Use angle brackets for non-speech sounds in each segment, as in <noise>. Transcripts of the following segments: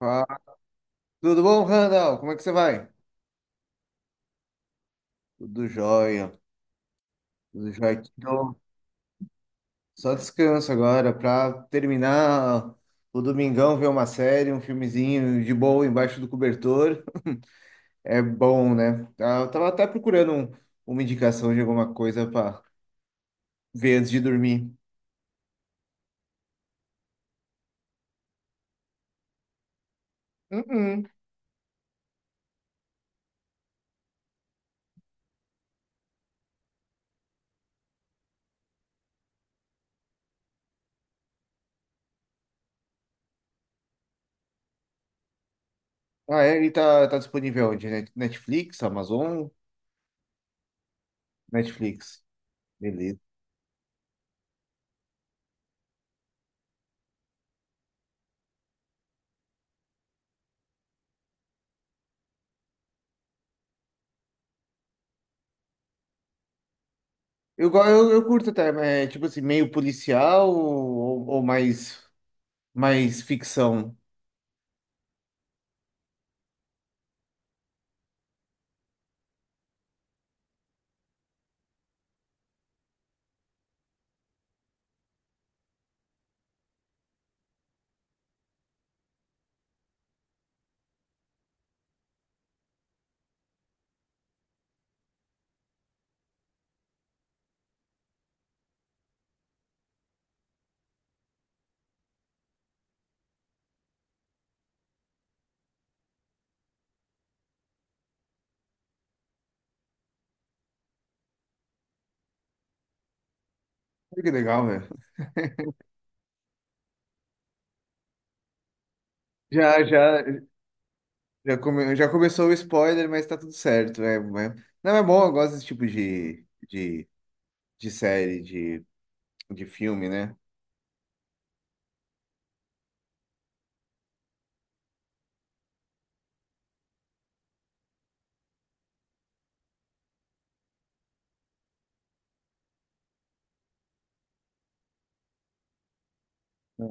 Ah, tudo bom, Randall? Como é que você vai? Tudo jóia, tudo jóia. Que bom. Só descanso agora para terminar o domingão, ver uma série, um filmezinho de boa embaixo do cobertor. É bom, né? Ah, eu tava até procurando uma indicação de alguma coisa para ver antes de dormir. Uhum. Ah, é, ele tá disponível onde? Netflix, Amazon? Netflix. Beleza. Eu curto até, mas é tipo assim, meio policial ou mais. Mas ficção. Olha, que legal, velho. Já, já, já começou o spoiler, mas tá tudo certo. Não, é bom, eu gosto desse tipo de série, de filme, né?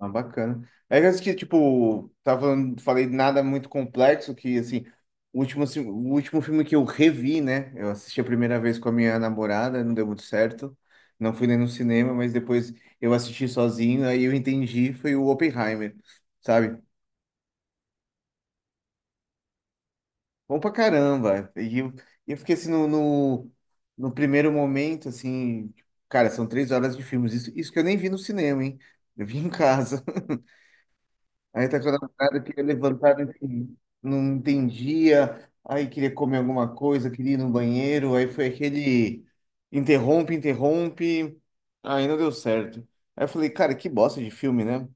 Ah, bacana. É que eu acho que, tipo, tava falando, falei nada muito complexo, que, assim, o último filme que eu revi, né? Eu assisti a primeira vez com a minha namorada, não deu muito certo. Não fui nem no cinema, mas depois eu assisti sozinho, aí eu entendi, foi o Oppenheimer, sabe? Bom pra caramba. E eu fiquei assim no primeiro momento, assim, tipo, cara, são 3 horas de filmes. Isso que eu nem vi no cinema, hein? Eu vi em casa. <laughs> Aí tá com a namorada que ia levantar, não entendia. Aí queria comer alguma coisa, queria ir no banheiro. Aí foi aquele interrompe, interrompe. Aí não deu certo. Aí eu falei, cara, que bosta de filme, né?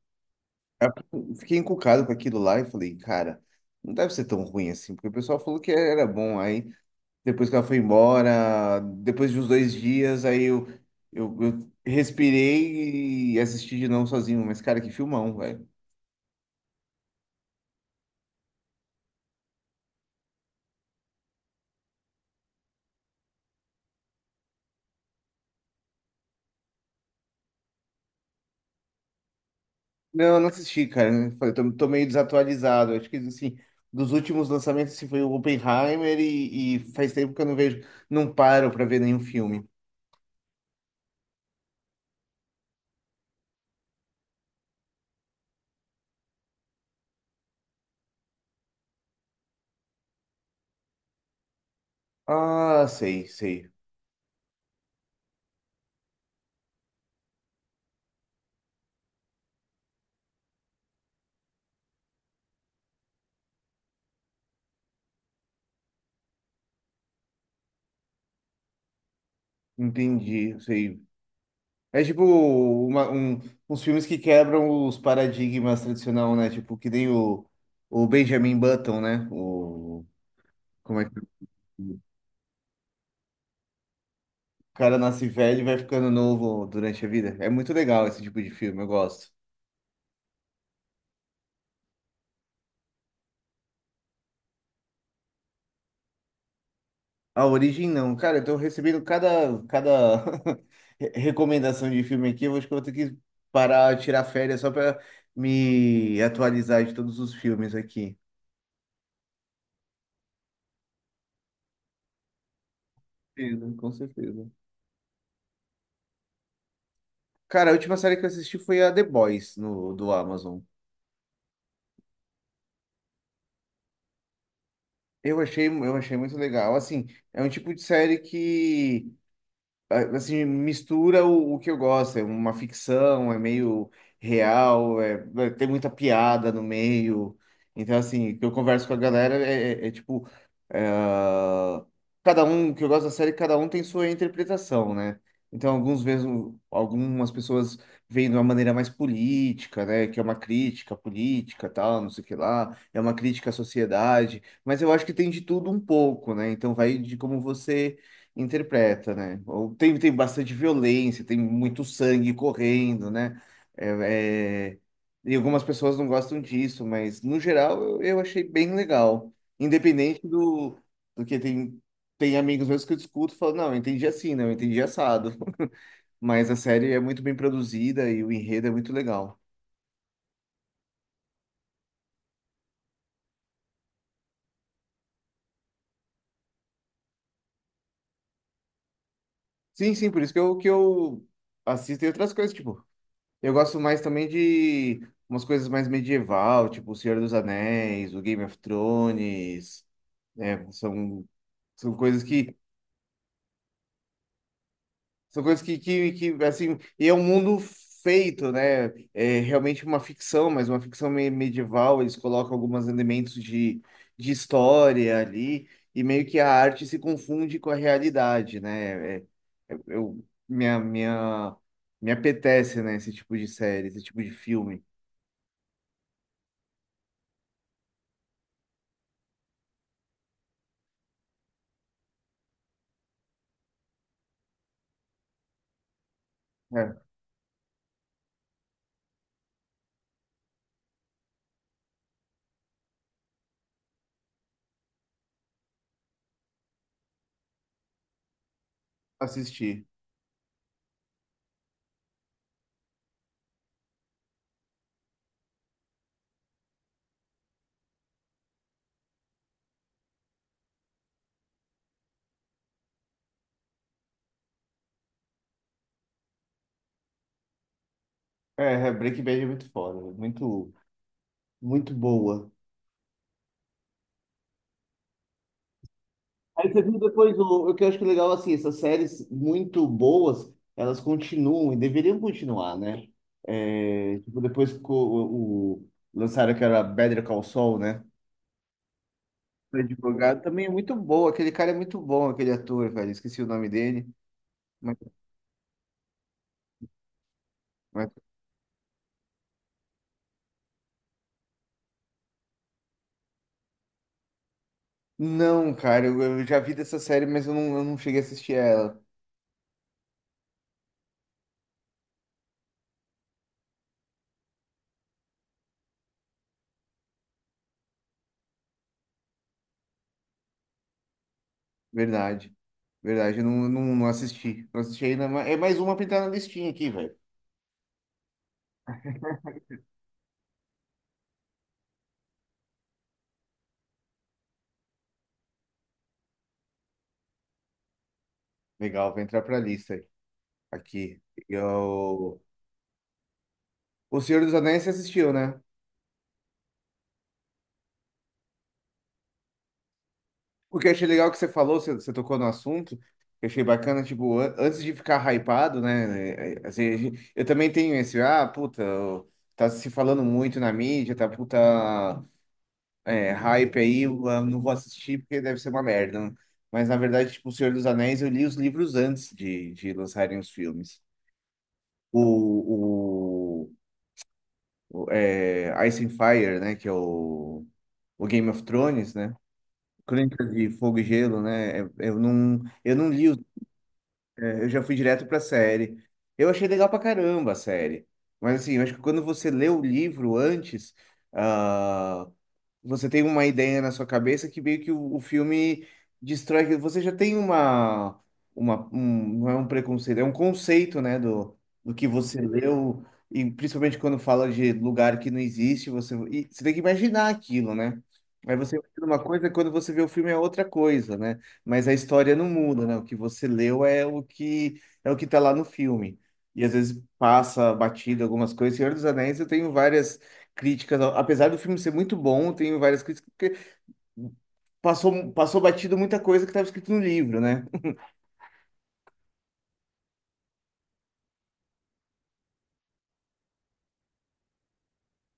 Aí eu fiquei encucado com aquilo lá e falei, cara, não deve ser tão ruim assim, porque o pessoal falou que era bom. Aí. Depois que ela foi embora, depois de uns 2 dias, aí eu respirei e assisti de novo sozinho. Mas, cara, que filmão, velho. Não, eu não assisti, cara. Eu falei, tô meio desatualizado. Acho que, assim, dos últimos lançamentos, assim, foi o Oppenheimer e faz tempo que eu não vejo, não paro pra ver nenhum filme. Ah, sei, sei. Entendi, sei. É tipo uns filmes que quebram os paradigmas tradicional, né? Tipo, que nem o Benjamin Button, né? O como é que é? O cara nasce velho e vai ficando novo durante a vida. É muito legal esse tipo de filme, eu gosto. A Origem não. Cara, eu tô recebendo cada <laughs> recomendação de filme aqui. Eu acho que eu vou ter que parar, tirar férias só pra me atualizar de todos os filmes aqui. Sim, com certeza. Cara, a última série que eu assisti foi a The Boys no, do Amazon. Eu achei muito legal. Assim, é um tipo de série que assim, mistura o que eu gosto. É uma ficção, é meio real, tem muita piada no meio. Então, assim, o que eu converso com a galera é tipo. É, cada um, o que eu gosto da série, cada um tem sua interpretação, né? Então, alguns vezes, algumas pessoas veem de uma maneira mais política, né? Que é uma crítica política, tal, não sei o que lá. É uma crítica à sociedade. Mas eu acho que tem de tudo um pouco, né? Então, vai de como você interpreta, né? Ou tem, tem bastante violência, tem muito sangue correndo, né? É, é, e algumas pessoas não gostam disso, mas no geral eu achei bem legal. Independente do, do que tem, tem amigos meus que eu discuto e falo, não, eu entendi assim, não, eu entendi assado. <laughs> Mas a série é muito bem produzida e o enredo é muito legal. Sim, sim, por isso que eu assisto e outras coisas, tipo. Eu gosto mais também de umas coisas mais medieval, tipo O Senhor dos Anéis, o Game of Thrones, né? São, são coisas que são coisas que assim, e é um mundo feito, né? É realmente uma ficção, mas uma ficção medieval, eles colocam alguns elementos de história ali e meio que a arte se confunde com a realidade, né? É- é- eu minha minha me apetece, né, esse tipo de série, esse tipo de filme. É, assisti. É, é, Breaking Bad é muito foda, é muito, muito boa. Aí você viu depois o que eu acho que é legal, assim, essas séries muito boas, elas continuam e deveriam continuar, né? É, tipo, depois que lançaram que era Better Call Saul, né? O advogado também é muito bom, aquele cara é muito bom, aquele ator, velho, esqueci o nome dele. Mas, mas- Não, cara, eu já vi dessa série, mas eu não cheguei a assistir ela. Verdade. Verdade, eu não assisti. Não assisti ainda, mas é mais uma pra entrar na listinha aqui, velho. Legal, vai entrar pra lista aí. Aqui. Eu... O Senhor dos Anéis você assistiu, né? O que eu achei legal que você falou, você tocou no assunto, eu achei bacana, tipo, antes de ficar hypado, né? Assim, eu também tenho esse, ah, puta, tá se falando muito na mídia, tá puta. É, hype aí, eu, ah, não vou assistir porque deve ser uma merda, né? Mas na verdade, tipo, O Senhor dos Anéis, eu li os livros antes de lançarem os filmes. O, o, Ice and Fire, né? Que é o Game of Thrones, né? Crônicas de Fogo e Gelo, né? Eu não li, eu já fui direto pra série. Eu achei legal pra caramba a série. Mas assim, eu acho que quando você lê o livro antes. Ah, você tem uma ideia na sua cabeça que meio que o filme destrói. Você já tem não é um preconceito, é um conceito, né, do que você leu, e principalmente quando fala de lugar que não existe, você, e você tem que imaginar aquilo, né? Aí você imagina uma coisa, quando você vê o filme é outra coisa, né? Mas a história não muda, né? O que você leu é o que tá lá no filme. E às vezes passa batido algumas coisas. Senhor dos Anéis, eu tenho várias críticas, apesar do filme ser muito bom, tem várias críticas, porque passou, passou batido muita coisa que estava escrito no livro, né?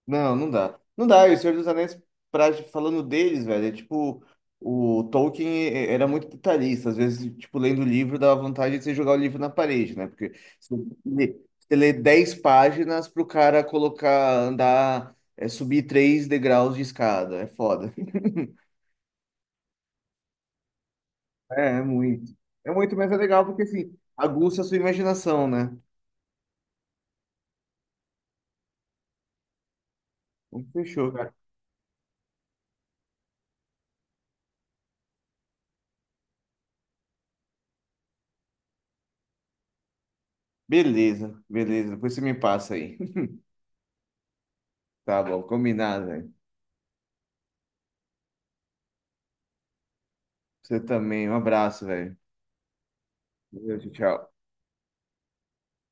Não, não dá. Não dá, e o Senhor dos Anéis, pra, falando deles, velho, é tipo, o Tolkien era muito detalhista, às vezes, tipo, lendo o livro dava vontade de você jogar o livro na parede, né? Porque você lê, você lê 10 páginas pro cara colocar, andar, é, subir 3 degraus de escada, é foda. <laughs> É, é muito. É muito, mas é legal porque, assim, aguça a sua imaginação, né? Então, fechou, cara. Beleza, beleza. Depois você me passa aí. <laughs> Tá bom, combinado, velho. Você também. Um abraço, velho. Valeu, tchau. Tchau.